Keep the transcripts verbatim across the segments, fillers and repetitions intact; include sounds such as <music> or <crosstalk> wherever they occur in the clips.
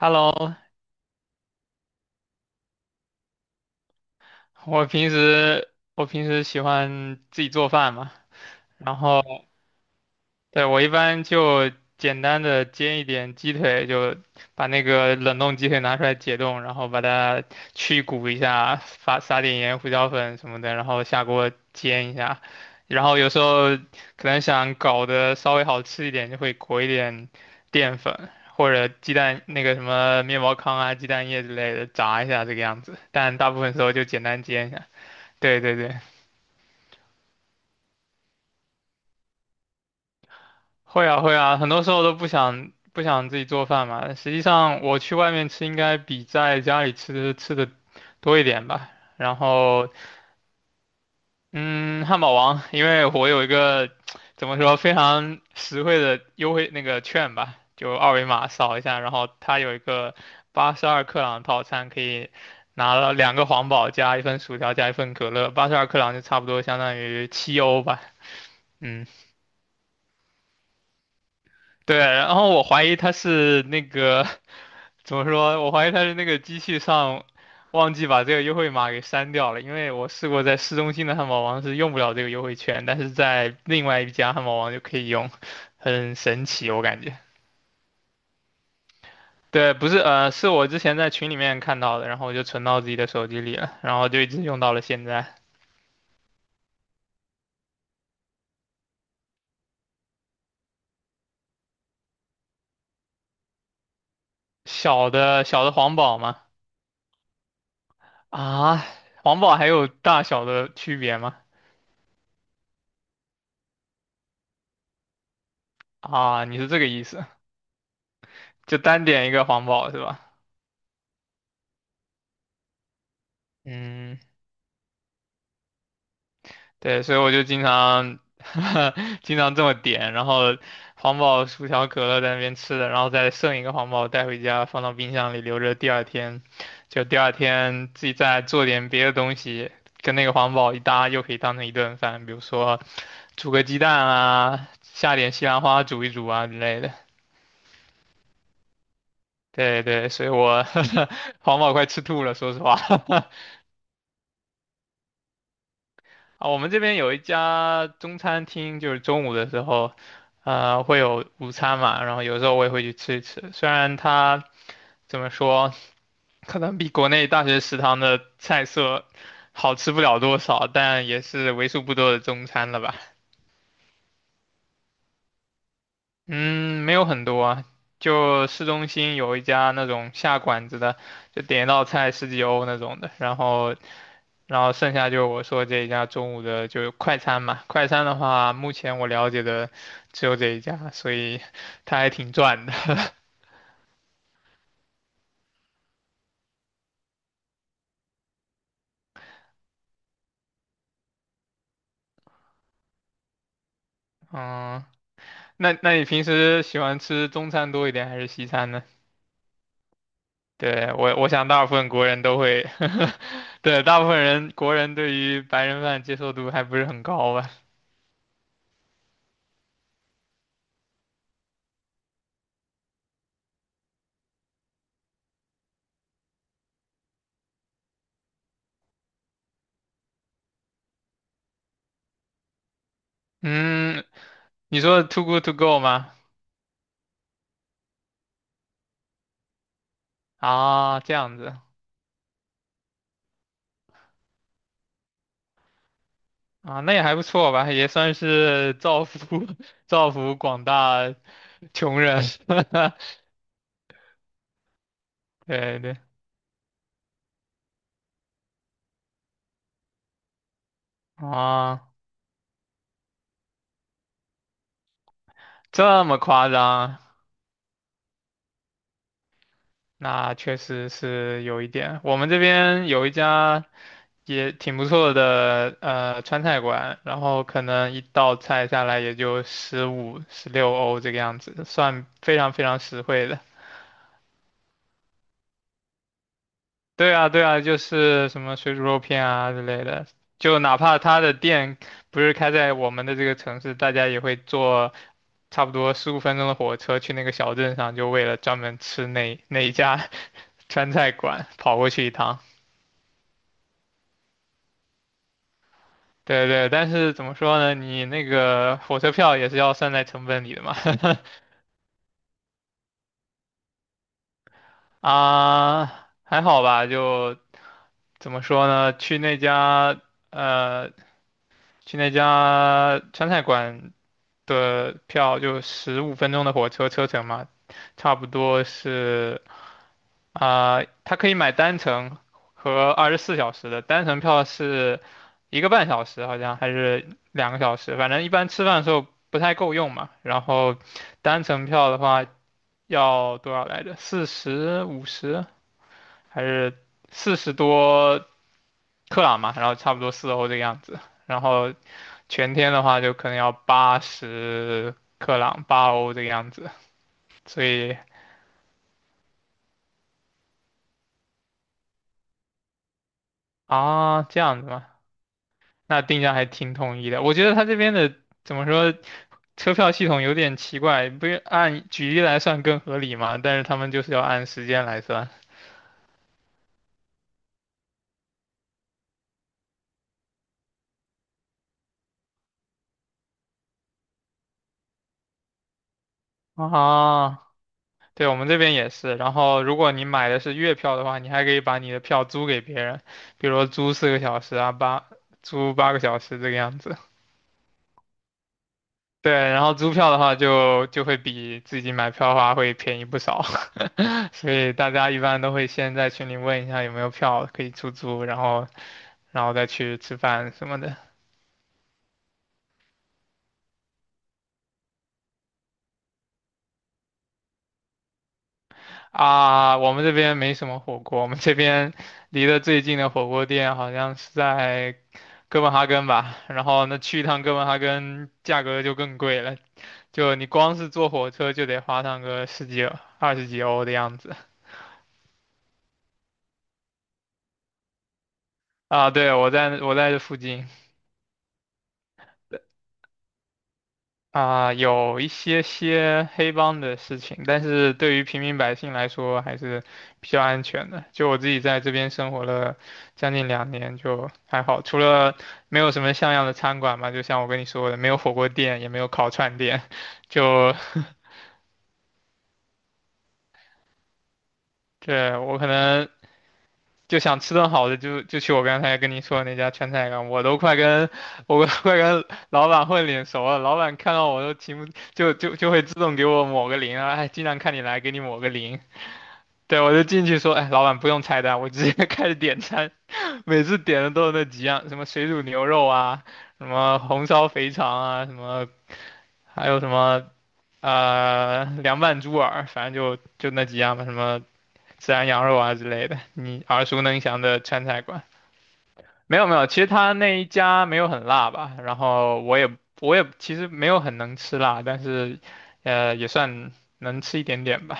Hello，我平时我平时喜欢自己做饭嘛，然后对我一般就简单的煎一点鸡腿，就把那个冷冻鸡腿拿出来解冻，然后把它去骨一下，撒撒点盐、胡椒粉什么的，然后下锅煎一下。然后有时候可能想搞得稍微好吃一点，就会裹一点淀粉或者鸡蛋那个什么面包糠啊、鸡蛋液之类的炸一下这个样子，但大部分时候就简单煎一下。对对对，会啊会啊，很多时候都不想不想自己做饭嘛。实际上我去外面吃应该比在家里吃吃的多一点吧。然后嗯，汉堡王，因为我有一个怎么说非常实惠的优惠那个券吧，就二维码扫一下，然后它有一个八十二克朗套餐，可以拿了两个皇堡加一份薯条加一份可乐，八十二克朗就差不多相当于七欧吧。嗯，对，然后我怀疑它是那个怎么说？我怀疑他是那个机器上忘记把这个优惠码给删掉了，因为我试过在市中心的汉堡王是用不了这个优惠券，但是在另外一家汉堡王就可以用，很神奇，我感觉。对，不是，呃，是我之前在群里面看到的，然后我就存到自己的手机里了，然后就一直用到了现在。小的小的黄堡吗？啊，黄堡还有大小的区别吗？啊，你是这个意思？就单点一个黄堡是吧？嗯。对，所以我就经常 <laughs> 经常这么点，然后黄堡、薯条、可乐在那边吃的，然后再剩一个黄堡带回家，放到冰箱里留着，第二天就第二天自己再做点别的东西，跟那个黄堡一搭，又可以当成一顿饭，比如说煮个鸡蛋啊，下点西兰花煮一煮啊之类的。对对，所以我 <laughs> 黄堡快吃吐了，说实话。<laughs> 啊，我们这边有一家中餐厅，就是中午的时候，呃，会有午餐嘛，然后有时候我也会去吃一吃。虽然它怎么说，可能比国内大学食堂的菜色好吃不了多少，但也是为数不多的中餐了吧。嗯，没有很多啊，就市中心有一家那种下馆子的，就点一道菜十几欧那种的，然后然后剩下就是我说这一家中午的就是快餐嘛，快餐的话，目前我了解的只有这一家，所以他还挺赚的。<laughs> 嗯，那那你平时喜欢吃中餐多一点还是西餐呢？对，我我想大部分国人都会，<laughs> 对，大部分人国人对于白人饭接受度还不是很高吧？嗯，你说 too good to go 吗？啊，这样子啊，那也还不错吧，也算是造福 <laughs> 造福广大 <laughs> 穷人，<laughs> 对对啊，这么夸张，那确实是有一点。我们这边有一家也挺不错的呃川菜馆，然后可能一道菜下来也就十五、十六欧这个样子，算非常非常实惠的。对啊，对啊，就是什么水煮肉片啊之类的，就哪怕他的店不是开在我们的这个城市，大家也会做差不多十五分钟的火车去那个小镇上，就为了专门吃那 <laughs> 那一家 <laughs> 川菜馆跑过去一趟。对对，但是怎么说呢？你那个火车票也是要算在成本里的嘛。<laughs> 啊，还好吧，就怎么说呢？去那家呃，去那家川菜馆的票就十五分钟的火车车程嘛，差不多是啊、它可以买单程和二十四小时的，单程票是一个半小时，好像还是两个小时，反正一般吃饭的时候不太够用嘛。然后单程票的话要多少来着？四十五十还是四十多克朗嘛？然后差不多四欧这个样子。然后全天的话就可能要八十克朗，八欧这个样子。所以啊，这样子吗？那定价还挺统一的。我觉得他这边的怎么说，车票系统有点奇怪，不是按距离来算更合理嘛？但是他们就是要按时间来算啊。对，我们这边也是。然后，如果你买的是月票的话，你还可以把你的票租给别人，比如说租四个小时啊，八租八个小时这个样子。对，然后租票的话就就会比自己买票的话会便宜不少，<laughs> 所以大家一般都会先在群里问一下有没有票可以出租，然后然后再去吃饭什么的。啊，我们这边没什么火锅，我们这边离得最近的火锅店好像是在哥本哈根吧。然后那去一趟哥本哈根，价格就更贵了，就你光是坐火车就得花上个十几、二十几欧的样子。啊，对，我在我在这附近。啊，有一些些黑帮的事情，但是对于平民百姓来说还是比较安全的。就我自己在这边生活了将近两年，就还好，除了没有什么像样的餐馆嘛，就像我跟你说的，没有火锅店，也没有烤串店，就对我可能就想吃顿好的就，就去我刚才跟你说的那家川菜馆，我都快跟我都快跟老板混脸熟了，老板看到我都情不就就就会自动给我抹个零啊，哎，经常看你来，给你抹个零。对，我就进去说，哎，老板不用菜单，我直接 <laughs> 开始点餐，每次点的都是那几样，什么水煮牛肉啊，什么红烧肥肠啊，什么还有什么呃凉拌猪耳，反正就就那几样吧，什么孜然羊肉啊之类的，你耳熟能详的川菜馆。没有没有，其实他那一家没有很辣吧，然后我也我也其实没有很能吃辣，但是呃也算能吃一点点吧。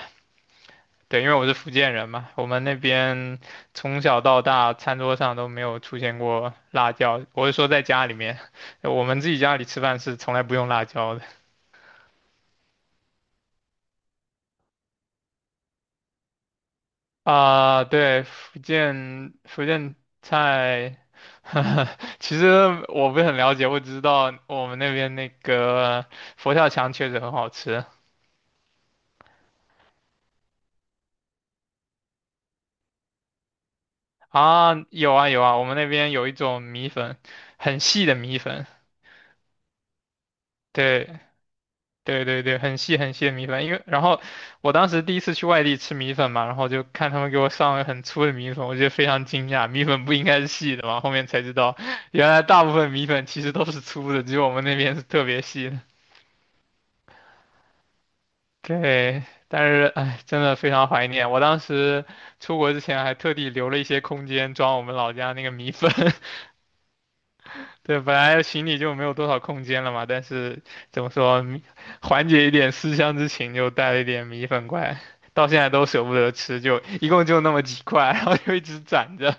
对，因为我是福建人嘛，我们那边从小到大餐桌上都没有出现过辣椒。我是说在家里面，<laughs> 我们自己家里吃饭是从来不用辣椒的。啊、对，福建福建菜，<laughs> 其实我不是很了解，我只知道我们那边那个佛跳墙确实很好吃啊。有啊有啊，我们那边有一种米粉，很细的米粉，对，对对对，很细很细的米粉，因为然后我当时第一次去外地吃米粉嘛，然后就看他们给我上了很粗的米粉，我觉得非常惊讶，米粉不应该是细的嘛，后面才知道原来大部分米粉其实都是粗的，只有我们那边是特别细的。对，但是哎，真的非常怀念，我当时出国之前还特地留了一些空间装我们老家那个米粉。<laughs> 对，本来行李就没有多少空间了嘛，但是怎么说，米缓解一点思乡之情，就带了一点米粉过来，到现在都舍不得吃，就一共就那么几块，然后就一直攒着。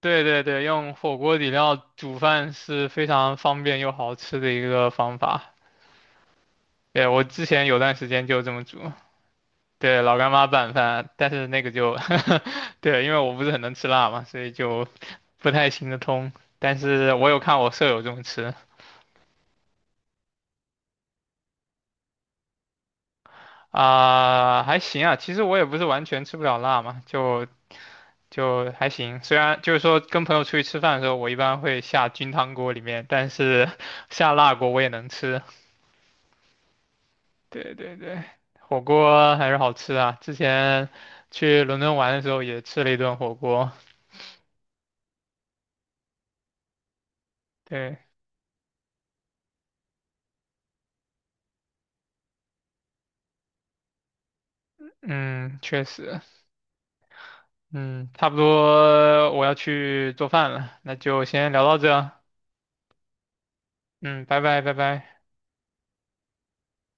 对对对，用火锅底料煮饭是非常方便又好吃的一个方法。对，我之前有段时间就这么煮，对，老干妈拌饭，但是那个就，<laughs> 对，因为我不是很能吃辣嘛，所以就不太行得通。但是我有看我舍友这么吃。啊、还行啊，其实我也不是完全吃不了辣嘛，就就还行。虽然就是说跟朋友出去吃饭的时候，我一般会下菌汤锅里面，但是 <laughs> 下辣锅我也能吃。对对对，火锅还是好吃啊。之前去伦敦玩的时候也吃了一顿火锅。对，嗯，确实，嗯，差不多我要去做饭了，那就先聊到这啊。嗯，拜拜拜拜。